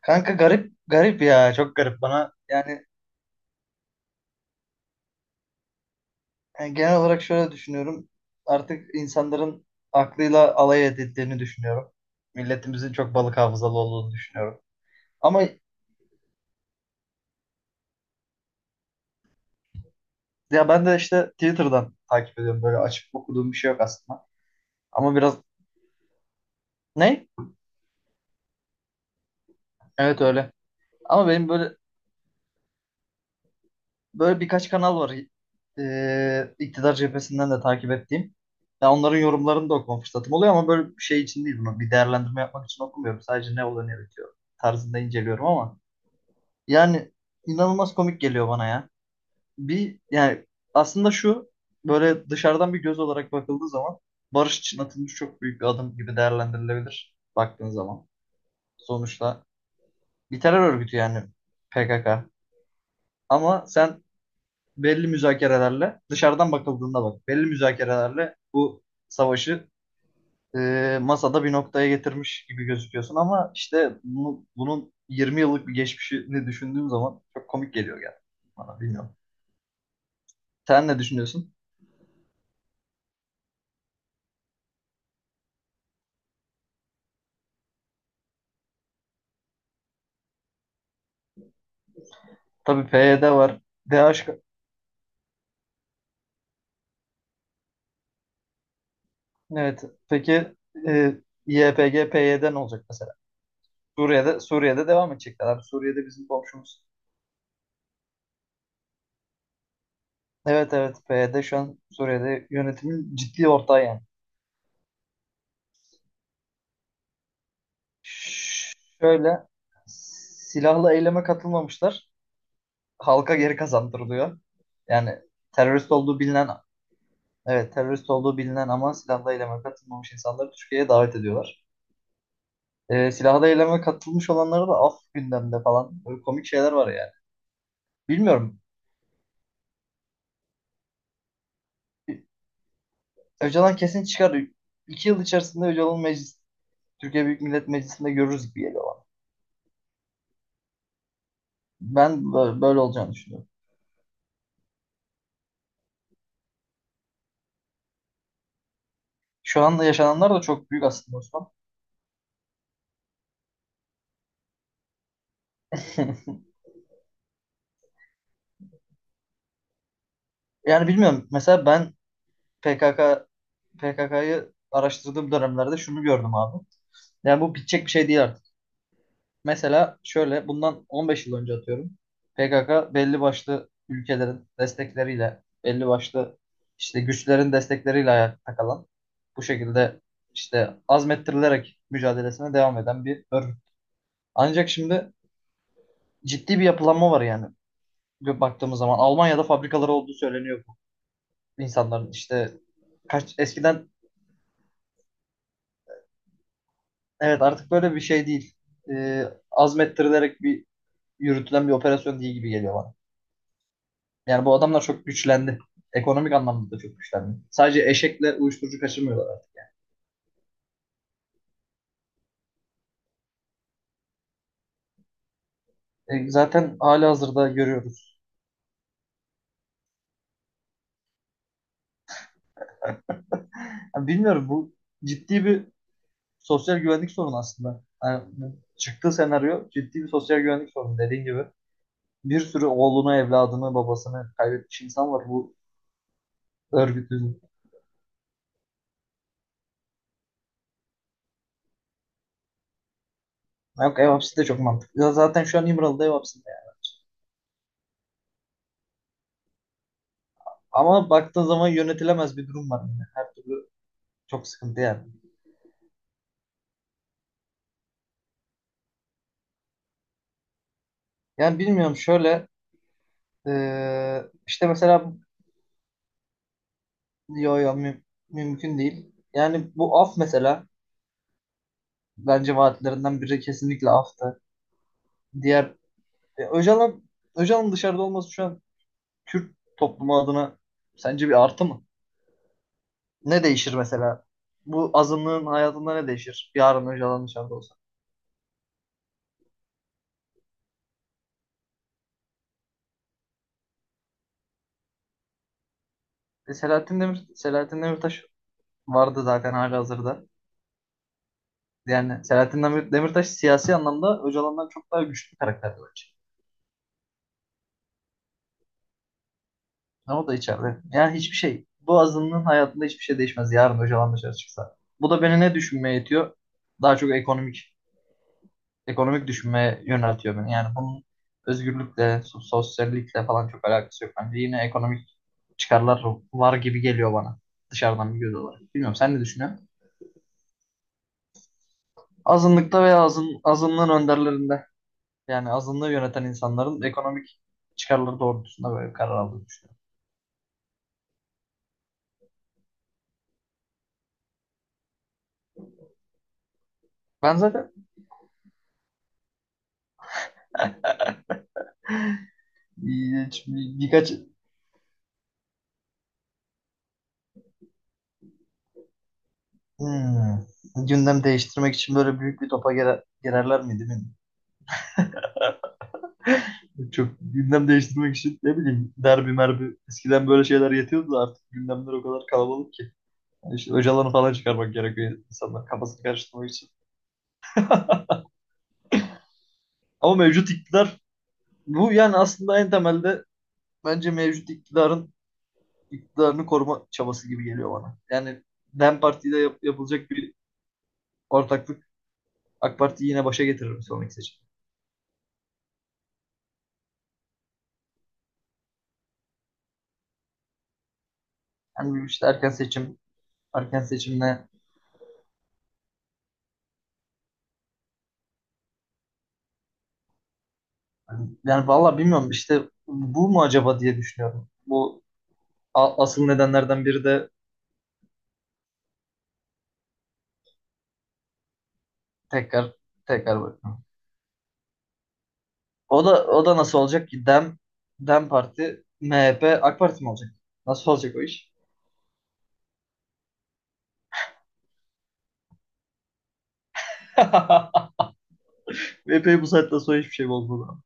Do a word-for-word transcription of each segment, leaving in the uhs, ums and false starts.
Kanka, garip garip ya, çok garip bana, yani. Yani, genel olarak şöyle düşünüyorum, artık insanların aklıyla alay edildiğini düşünüyorum. Milletimizin çok balık hafızalı olduğunu düşünüyorum. Ama ya, ben de işte Twitter'dan takip ediyorum, böyle açıp okuduğum bir şey yok aslında. Ama biraz, ne? Evet, öyle. Ama benim böyle Böyle birkaç kanal var, e, iktidar cephesinden de takip ettiğim. Ya onların yorumlarını da okuma fırsatım oluyor, ama böyle bir şey için değil bunu. Bir değerlendirme yapmak için okumuyorum. Sadece ne oluyor ne bitiyor tarzında inceliyorum ama, yani, inanılmaz komik geliyor bana ya. Bir, yani, aslında şu, böyle dışarıdan bir göz olarak bakıldığı zaman, barış için atılmış çok büyük bir adım gibi değerlendirilebilir, baktığın zaman. Sonuçta bir terör örgütü, yani P K K. Ama sen belli müzakerelerle, dışarıdan bakıldığında bak, belli müzakerelerle bu savaşı, e, masada bir noktaya getirmiş gibi gözüküyorsun, ama işte bunu, bunun yirmi yıllık bir geçmişini düşündüğüm zaman çok komik geliyor yani bana, bilmiyorum. Sen ne düşünüyorsun? Tabii, PYD var. DH, evet. Peki, e, YPG, PYD ne olacak mesela? Suriye'de Suriye'de devam edecekler abi. Suriye'de bizim komşumuz. Evet, evet, P Y D şu an Suriye'de yönetimin ciddi ortağı yani. Şöyle, silahlı eyleme katılmamışlar. Halka geri kazandırılıyor. Yani terörist olduğu bilinen, evet, terörist olduğu bilinen ama silahlı eyleme katılmamış insanları Türkiye'ye davet ediyorlar. Ee, silahlı eyleme katılmış olanları da af gündemde falan. Böyle komik şeyler var yani. Bilmiyorum. Öcalan kesin çıkar. İki yıl içerisinde Öcalan meclis, Türkiye Büyük Millet Meclisi'nde görürüz gibi geliyor bana. Ben bö- böyle olacağını düşünüyorum. Şu anda yaşananlar da çok büyük aslında, Osman. Yani bilmiyorum. Mesela ben P K K P K K'yı araştırdığım dönemlerde şunu gördüm abi. Yani bu bitecek bir şey değil artık. Mesela şöyle bundan on beş yıl önce atıyorum. P K K belli başlı ülkelerin destekleriyle, belli başlı işte güçlerin destekleriyle ayakta kalan, bu şekilde işte azmettirilerek mücadelesine devam eden bir örgüt. Ancak şimdi ciddi bir yapılanma var yani. Gö- Baktığımız zaman Almanya'da fabrikaları olduğu söyleniyor, bu insanların işte, kaç eskiden. Evet, artık böyle bir şey değil. Ee, azmettirilerek bir yürütülen bir operasyon değil gibi geliyor bana. Yani bu adamlar çok güçlendi. Ekonomik anlamda da çok güçlendi. Sadece eşekle uyuşturucu kaçırmıyorlar artık. E, zaten halihazırda görüyoruz. Yani bilmiyorum, bu ciddi bir sosyal güvenlik sorunu aslında. Yani bu çıktığı senaryo ciddi bir sosyal güvenlik sorunu, dediğin gibi. Bir sürü oğlunu, evladını, babasını kaybetmiş insan var bu örgütün. Yok, ev hapsi de çok mantıklı. Ya, zaten şu an İmralı'da ev hapsi. Ama baktığın zaman yönetilemez bir durum var yine. Her türlü çok sıkıntı yani. Yani bilmiyorum şöyle, eee, işte mesela, yo yo mü- mümkün değil. Yani bu af mesela, bence vaatlerinden biri kesinlikle aftı. Diğer, e, Öcalan Öcalan'ın dışarıda olması şu an Kürt toplumu adına sence bir artı mı? Ne değişir mesela? Bu azınlığın hayatında ne değişir? Yarın Öcalan dışarıda olsa. E, Selahattin Demir Selahattin Demirtaş vardı zaten halihazırda. Yani Selahattin Demir- Demirtaş siyasi anlamda Öcalan'dan çok daha güçlü bir karakter bence. Ama o da içeride. Yani hiçbir şey. Bu azınlığın hayatında hiçbir şey değişmez. Yarın Öcalan dışarı çıksa. Bu da beni ne düşünmeye itiyor? Daha çok ekonomik ekonomik düşünmeye yöneltiyor beni. Yani bunun özgürlükle, so- sosyallikle falan çok alakası yok. Bence yine ekonomik çıkarlar var gibi geliyor bana. Dışarıdan bir göz olarak. Bilmiyorum, sen ne düşünüyorsun? Azınlıkta veya azın, azınlığın önderlerinden. Yani azınlığı yöneten insanların ekonomik çıkarları doğrultusunda böyle bir karar aldığını düşünüyorum. Ben zaten bir- birkaç hmm, gündem değiştirmek için böyle büyük bir topa girer, girerler miydi, bilmiyorum. Çok gündem değiştirmek için ne bileyim, derbi merbi eskiden böyle şeyler yetiyordu da, artık gündemler o kadar kalabalık ki. Yani işte Öcalan'ı falan çıkarmak gerekiyor insanlar kafasını karıştırmak için. Ama mevcut iktidar bu, yani aslında en temelde, bence mevcut iktidarın iktidarını koruma çabası gibi geliyor bana. Yani DEM Parti'de yap- yapılacak bir ortaklık AK Parti'yi yine başa getirir bir sonraki seçim. Yani işte erken seçim, erken seçimle, hani, yani vallahi bilmiyorum işte bu mu acaba diye düşünüyorum. Bu a- asıl nedenlerden biri de, tekrar tekrar bakıyorum. O da o da nasıl olacak ki, DEM DEM Parti MHP AK Parti mi olacak? Nasıl olacak o iş? M H P'yi bu saatten sonra hiçbir şey bozmadı.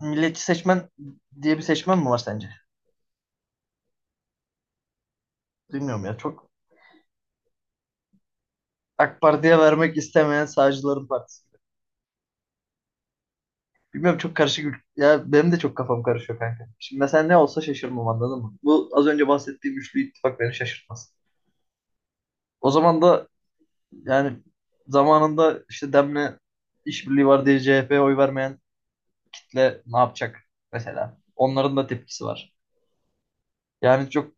Milliyetçi seçmen diye bir seçmen mi var sence? Bilmiyorum ya. Çok AK Parti'ye vermek istemeyen sağcıların partisi. Bilmiyorum, çok karışık. ül- Ya benim de çok kafam karışıyor kanka. Şimdi mesela ne olsa şaşırmam, anladın mı? Bu az önce bahsettiğim üçlü ittifak beni şaşırtmaz. O zaman da, yani, zamanında işte Demle işbirliği var diye C H P'ye oy vermeyen kitle ne yapacak mesela? Onların da tepkisi var. Yani çok,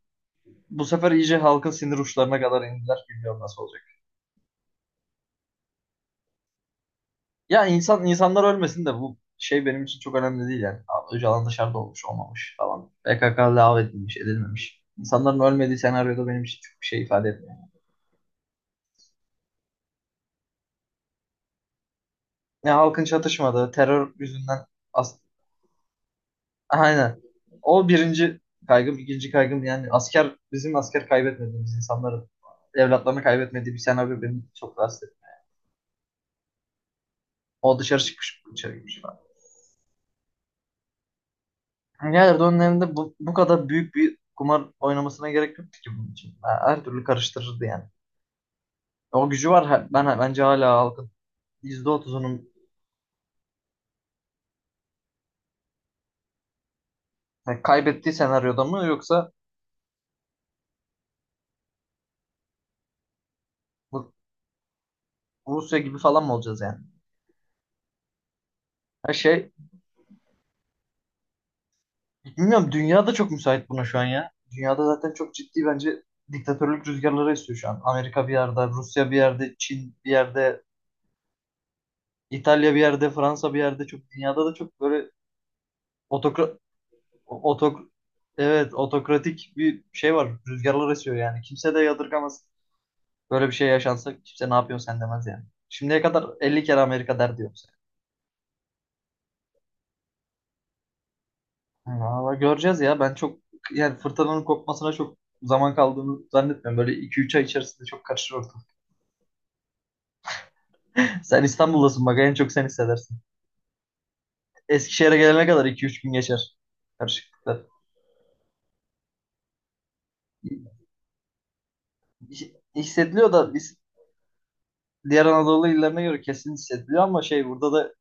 bu sefer iyice halkın sinir uçlarına kadar indiler. Bilmiyorum nasıl olacak. Ya insan insanlar ölmesin de, bu şey benim için çok önemli değil yani. Abi, Öcalan dışarıda olmuş olmamış falan. P K K lağv edilmiş edilmemiş. İnsanların ölmediği senaryoda benim için çok bir şey ifade etmiyor. Ya halkın çatışmadığı, terör yüzünden, as aynen. O birinci kaygım, ikinci kaygım, yani asker bizim asker kaybetmediğimiz, insanların evlatlarını kaybetmediği bir senaryo beni çok rahatsız etti. O dışarı çıkmış, dışarı gitmiş falan. Ya Erdoğan'ın elinde bu, bu kadar büyük bir kumar oynamasına gerek yoktu ki bunun için. Ha, her türlü karıştırırdı yani. O gücü var. Ha- Ben bence hala halkın yüzde otuzunun yani kaybettiği senaryoda mı, yoksa bu Rusya gibi falan mı olacağız yani? Her şey, bilmiyorum, dünya da çok müsait buna şu an ya. Dünyada zaten çok ciddi bence diktatörlük rüzgarları esiyor şu an. Amerika bir yerde, Rusya bir yerde, Çin bir yerde, İtalya bir yerde, Fransa bir yerde, çok dünyada da çok böyle, otokra otok evet, otokratik bir şey var. Rüzgarlar esiyor yani. Kimse de yadırgamaz. Böyle bir şey yaşansa kimse ne yapıyorsun sen demez yani. Şimdiye kadar elli kere Amerika der diyorum sana. Valla göreceğiz ya. Ben çok, yani fırtınanın kopmasına çok zaman kaldığını zannetmiyorum. Böyle iki üç ay içerisinde çok karışır ortam. Sen İstanbul'dasın, bak en çok sen hissedersin. Eskişehir'e gelene kadar iki üç gün geçer. Karışıklıklar. Hi- Hissediliyor da biz diğer Anadolu illerine göre kesin hissediliyor, ama şey, burada da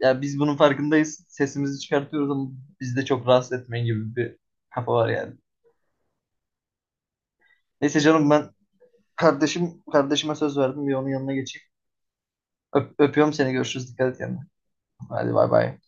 yani biz bunun farkındayız. Sesimizi çıkartıyoruz ama biz de çok rahatsız etmeyin gibi bir kafa var yani. Neyse canım, ben kardeşim, kardeşime söz verdim. Bir onun yanına geçeyim. Öp- öpüyorum seni. Görüşürüz. Dikkat et kendine. Hadi, bay bay.